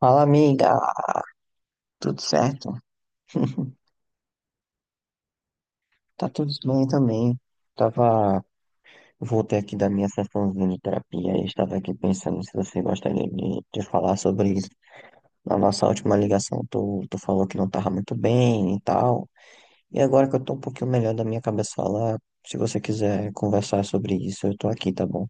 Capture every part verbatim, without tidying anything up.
Fala, amiga. Tudo certo? Tá tudo bem também. Tava... Voltei aqui da minha sessãozinha de terapia e estava aqui pensando se você gostaria de, de falar sobre isso. Na nossa última ligação, tu, tu falou que não tava muito bem e tal. E agora que eu tô um pouquinho melhor da minha cabeça lá, se você quiser conversar sobre isso, eu tô aqui, tá bom?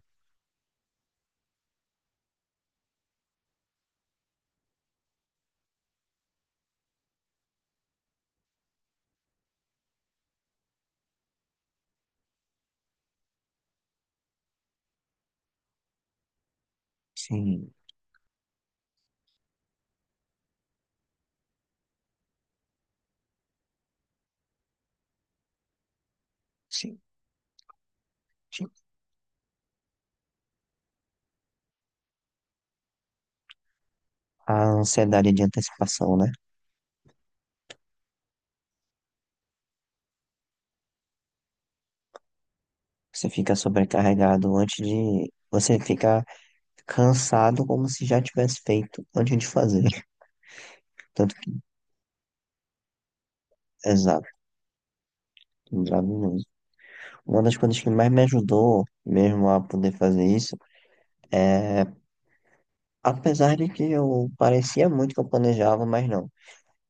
Sim, sim, sim. A ansiedade de antecipação, né? Você fica sobrecarregado antes de... Você fica cansado como se já tivesse feito antes de fazer. Tanto que, exato, exato mesmo. Uma das coisas que mais me ajudou mesmo a poder fazer isso é, apesar de que eu parecia muito que eu planejava, mas não,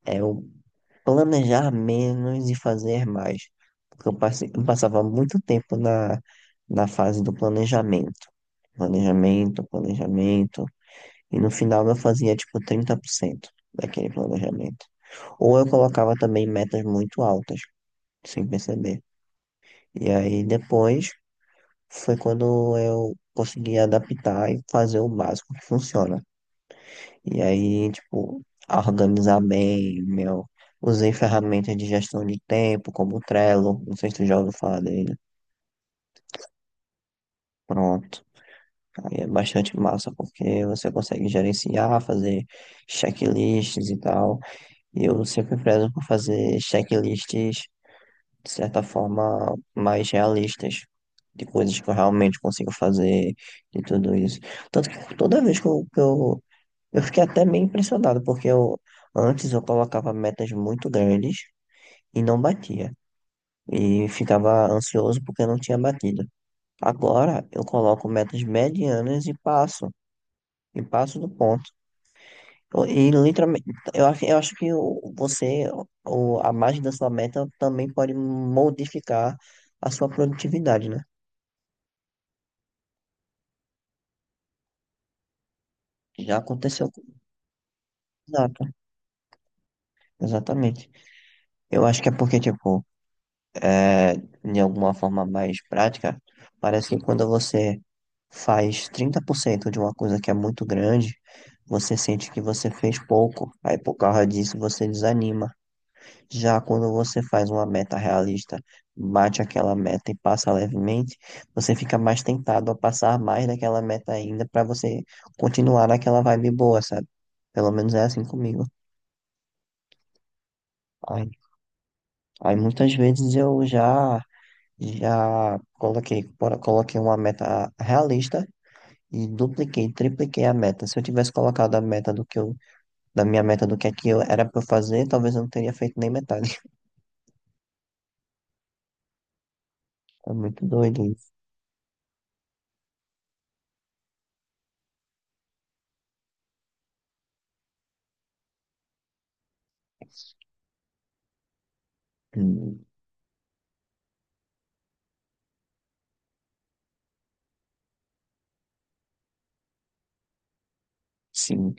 é eu planejar menos e fazer mais. Porque eu passei, eu passava muito tempo na, na fase do planejamento. Planejamento, planejamento. E no final eu fazia tipo trinta por cento daquele planejamento. Ou eu colocava também metas muito altas sem perceber. E aí depois foi quando eu consegui adaptar e fazer o básico que funciona. E aí, tipo, organizar bem, meu. Usei ferramentas de gestão de tempo, como o Trello, não sei se tu já ouviu falar dele. Pronto. Aí é bastante massa, porque você consegue gerenciar, fazer checklists e tal. E eu sempre prezo por fazer checklists de certa forma mais realistas, de coisas que eu realmente consigo fazer, de tudo isso. Tanto que toda vez que eu, que eu, eu fiquei até meio impressionado, porque eu, antes eu colocava metas muito grandes e não batia. E ficava ansioso porque não tinha batido. Agora eu coloco metas medianas e passo. E passo do ponto. Eu- E literalmente, eu, acho- eu acho que o- você, o, a margem da sua meta também pode modificar a sua produtividade, né? Já aconteceu com Exato, exatamente. Eu acho que é porque, tipo, é, de alguma forma mais prática, parece que quando você faz trinta por cento de uma coisa que é muito grande, você sente que você fez pouco. Aí, por causa disso, você desanima. Já quando você faz uma meta realista, bate aquela meta e passa levemente, você fica mais tentado a passar mais daquela meta ainda para você continuar naquela vibe boa, sabe? Pelo menos é assim comigo. Aí muitas vezes eu já já coloquei, colo- coloquei uma meta realista e dupliquei, tripliquei a meta. Se eu tivesse colocado a meta do que eu, da minha meta do que é que eu era para fazer, talvez eu não teria feito nem metade. É muito doido isso. Hum, sim,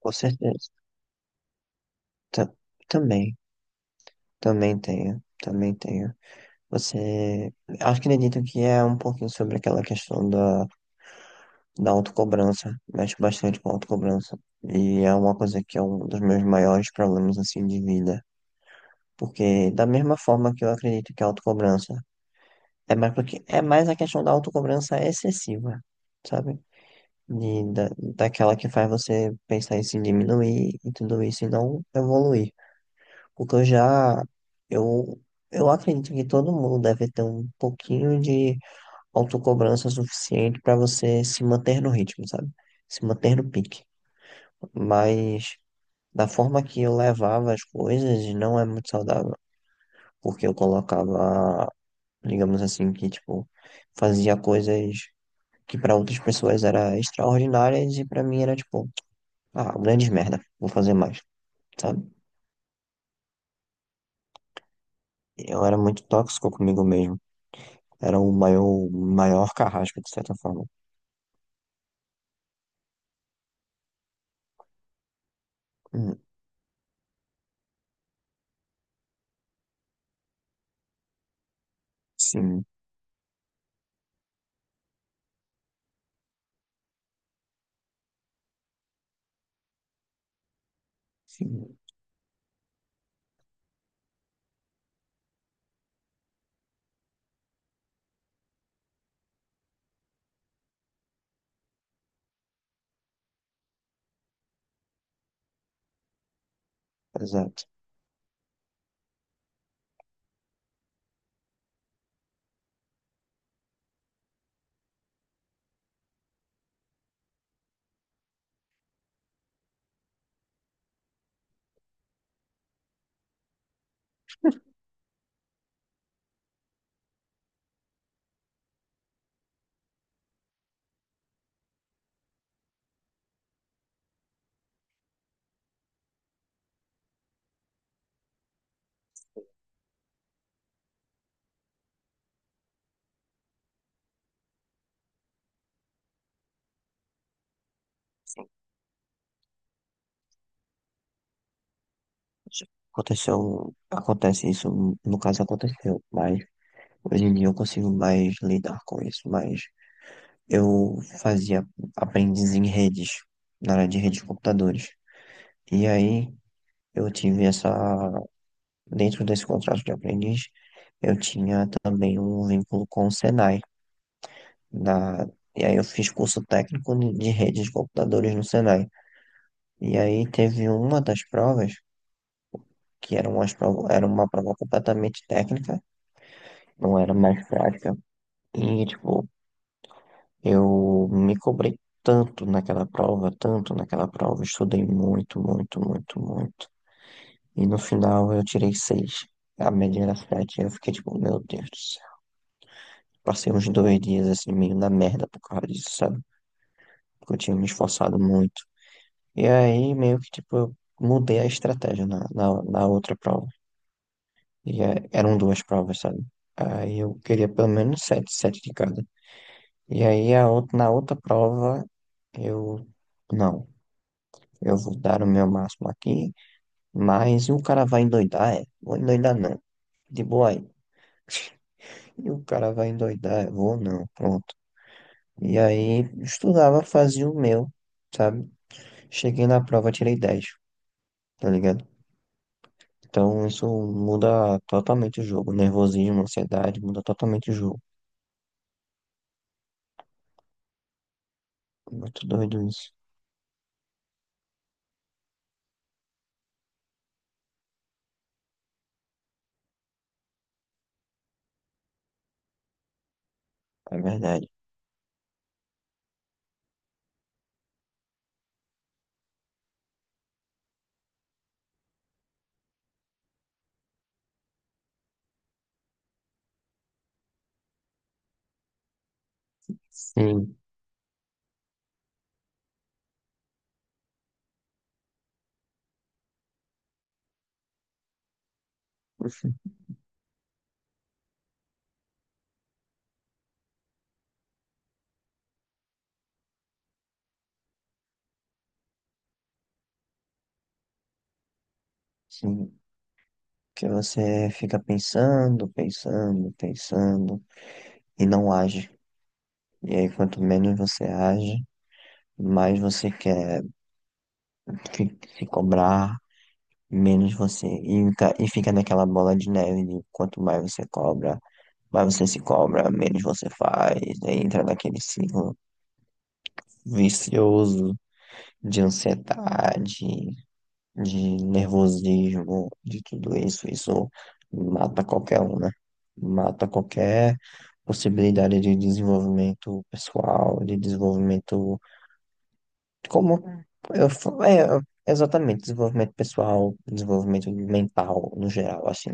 com certeza. Ta- também, também tenho, também tenho. Você, acredito que é um pouquinho sobre aquela questão da da autocobrança, mexe bastante com a autocobrança. E é uma coisa que é um dos meus maiores problemas assim de vida. Porque da mesma forma que eu acredito que a autocobrança é mais porque é mais a questão da autocobrança excessiva, sabe? De, da, daquela que faz você pensar em se diminuir e tudo isso e não evoluir. Porque eu já eu eu acredito que todo mundo deve ter um pouquinho de autocobrança suficiente para você se manter no ritmo, sabe? Se manter no pique. Mas da forma que eu levava as coisas, não é muito saudável. Porque eu colocava, digamos assim, que tipo, fazia coisas que para outras pessoas era extraordinárias e para mim era tipo, ah, grande merda, vou fazer mais, sabe? Eu era muito tóxico comigo mesmo. Era o maior, maior carrasco, de certa forma. Hum, Sim, sim, exato. Já aconteceu, acontece isso, no caso aconteceu, mas hoje em dia eu consigo mais lidar com isso, mas eu fazia aprendiz em redes, na área de redes de computadores. E aí eu tive essa, dentro desse contrato de aprendiz, eu tinha também um vínculo com o Senai. Na, e aí eu fiz curso técnico de redes de computadores no Senai. E aí teve uma das provas, que era, umas prova, era uma prova completamente técnica, não era mais prática. E, tipo, eu me cobrei tanto naquela prova, tanto naquela prova, estudei muito, muito, muito, muito. E no final eu tirei seis. A média era sete. Eu fiquei tipo, meu Deus do céu. Passei uns dois dias assim, meio na merda por causa disso, sabe? Porque eu tinha me esforçado muito. E aí, meio que tipo, eu mudei a estratégia na, na, na outra prova. E é- eram duas provas, sabe? Aí eu queria pelo menos sete, sete de cada. E aí a outra, na outra prova, eu. Não. Eu vou dar o meu máximo aqui, mas o cara vai endoidar, é. Vou endoidar não. De boa aí. E o cara vai endoidar, é. Vou não, pronto. E aí, estudava, fazia o meu, sabe? Cheguei na prova, tirei dez, tá ligado? Então, isso muda totalmente o jogo. Nervosismo, ansiedade, muda totalmente o jogo. Muito doido isso. É verdade. Sim. Sim. Que você fica pensando, pensando, pensando e não age. E aí, quanto menos você age, mais você quer fi- se cobrar, menos você. E, fica- e fica naquela bola de neve de quanto mais você cobra, mais você se cobra, menos você faz. Aí entra naquele ciclo vicioso de ansiedade, de nervosismo, de tudo isso. Isso mata qualquer um, né? Mata qualquer possibilidade de desenvolvimento pessoal, de desenvolvimento. Como eu, fa- é, exatamente, desenvolvimento pessoal, desenvolvimento mental no geral, assim,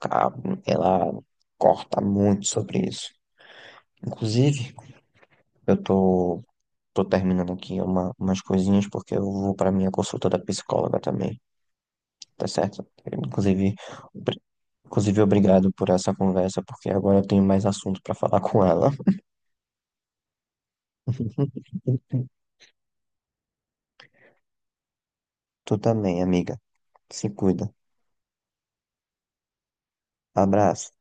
ca- ela corta muito sobre isso. Inclusive, eu tô, tô terminando aqui uma, umas coisinhas porque eu vou para minha consulta da psicóloga também, tá certo? Inclusive, obri- inclusive obrigado por essa conversa, porque agora eu tenho mais assunto para falar com ela. Tu também, amiga. Se cuida. Abraço.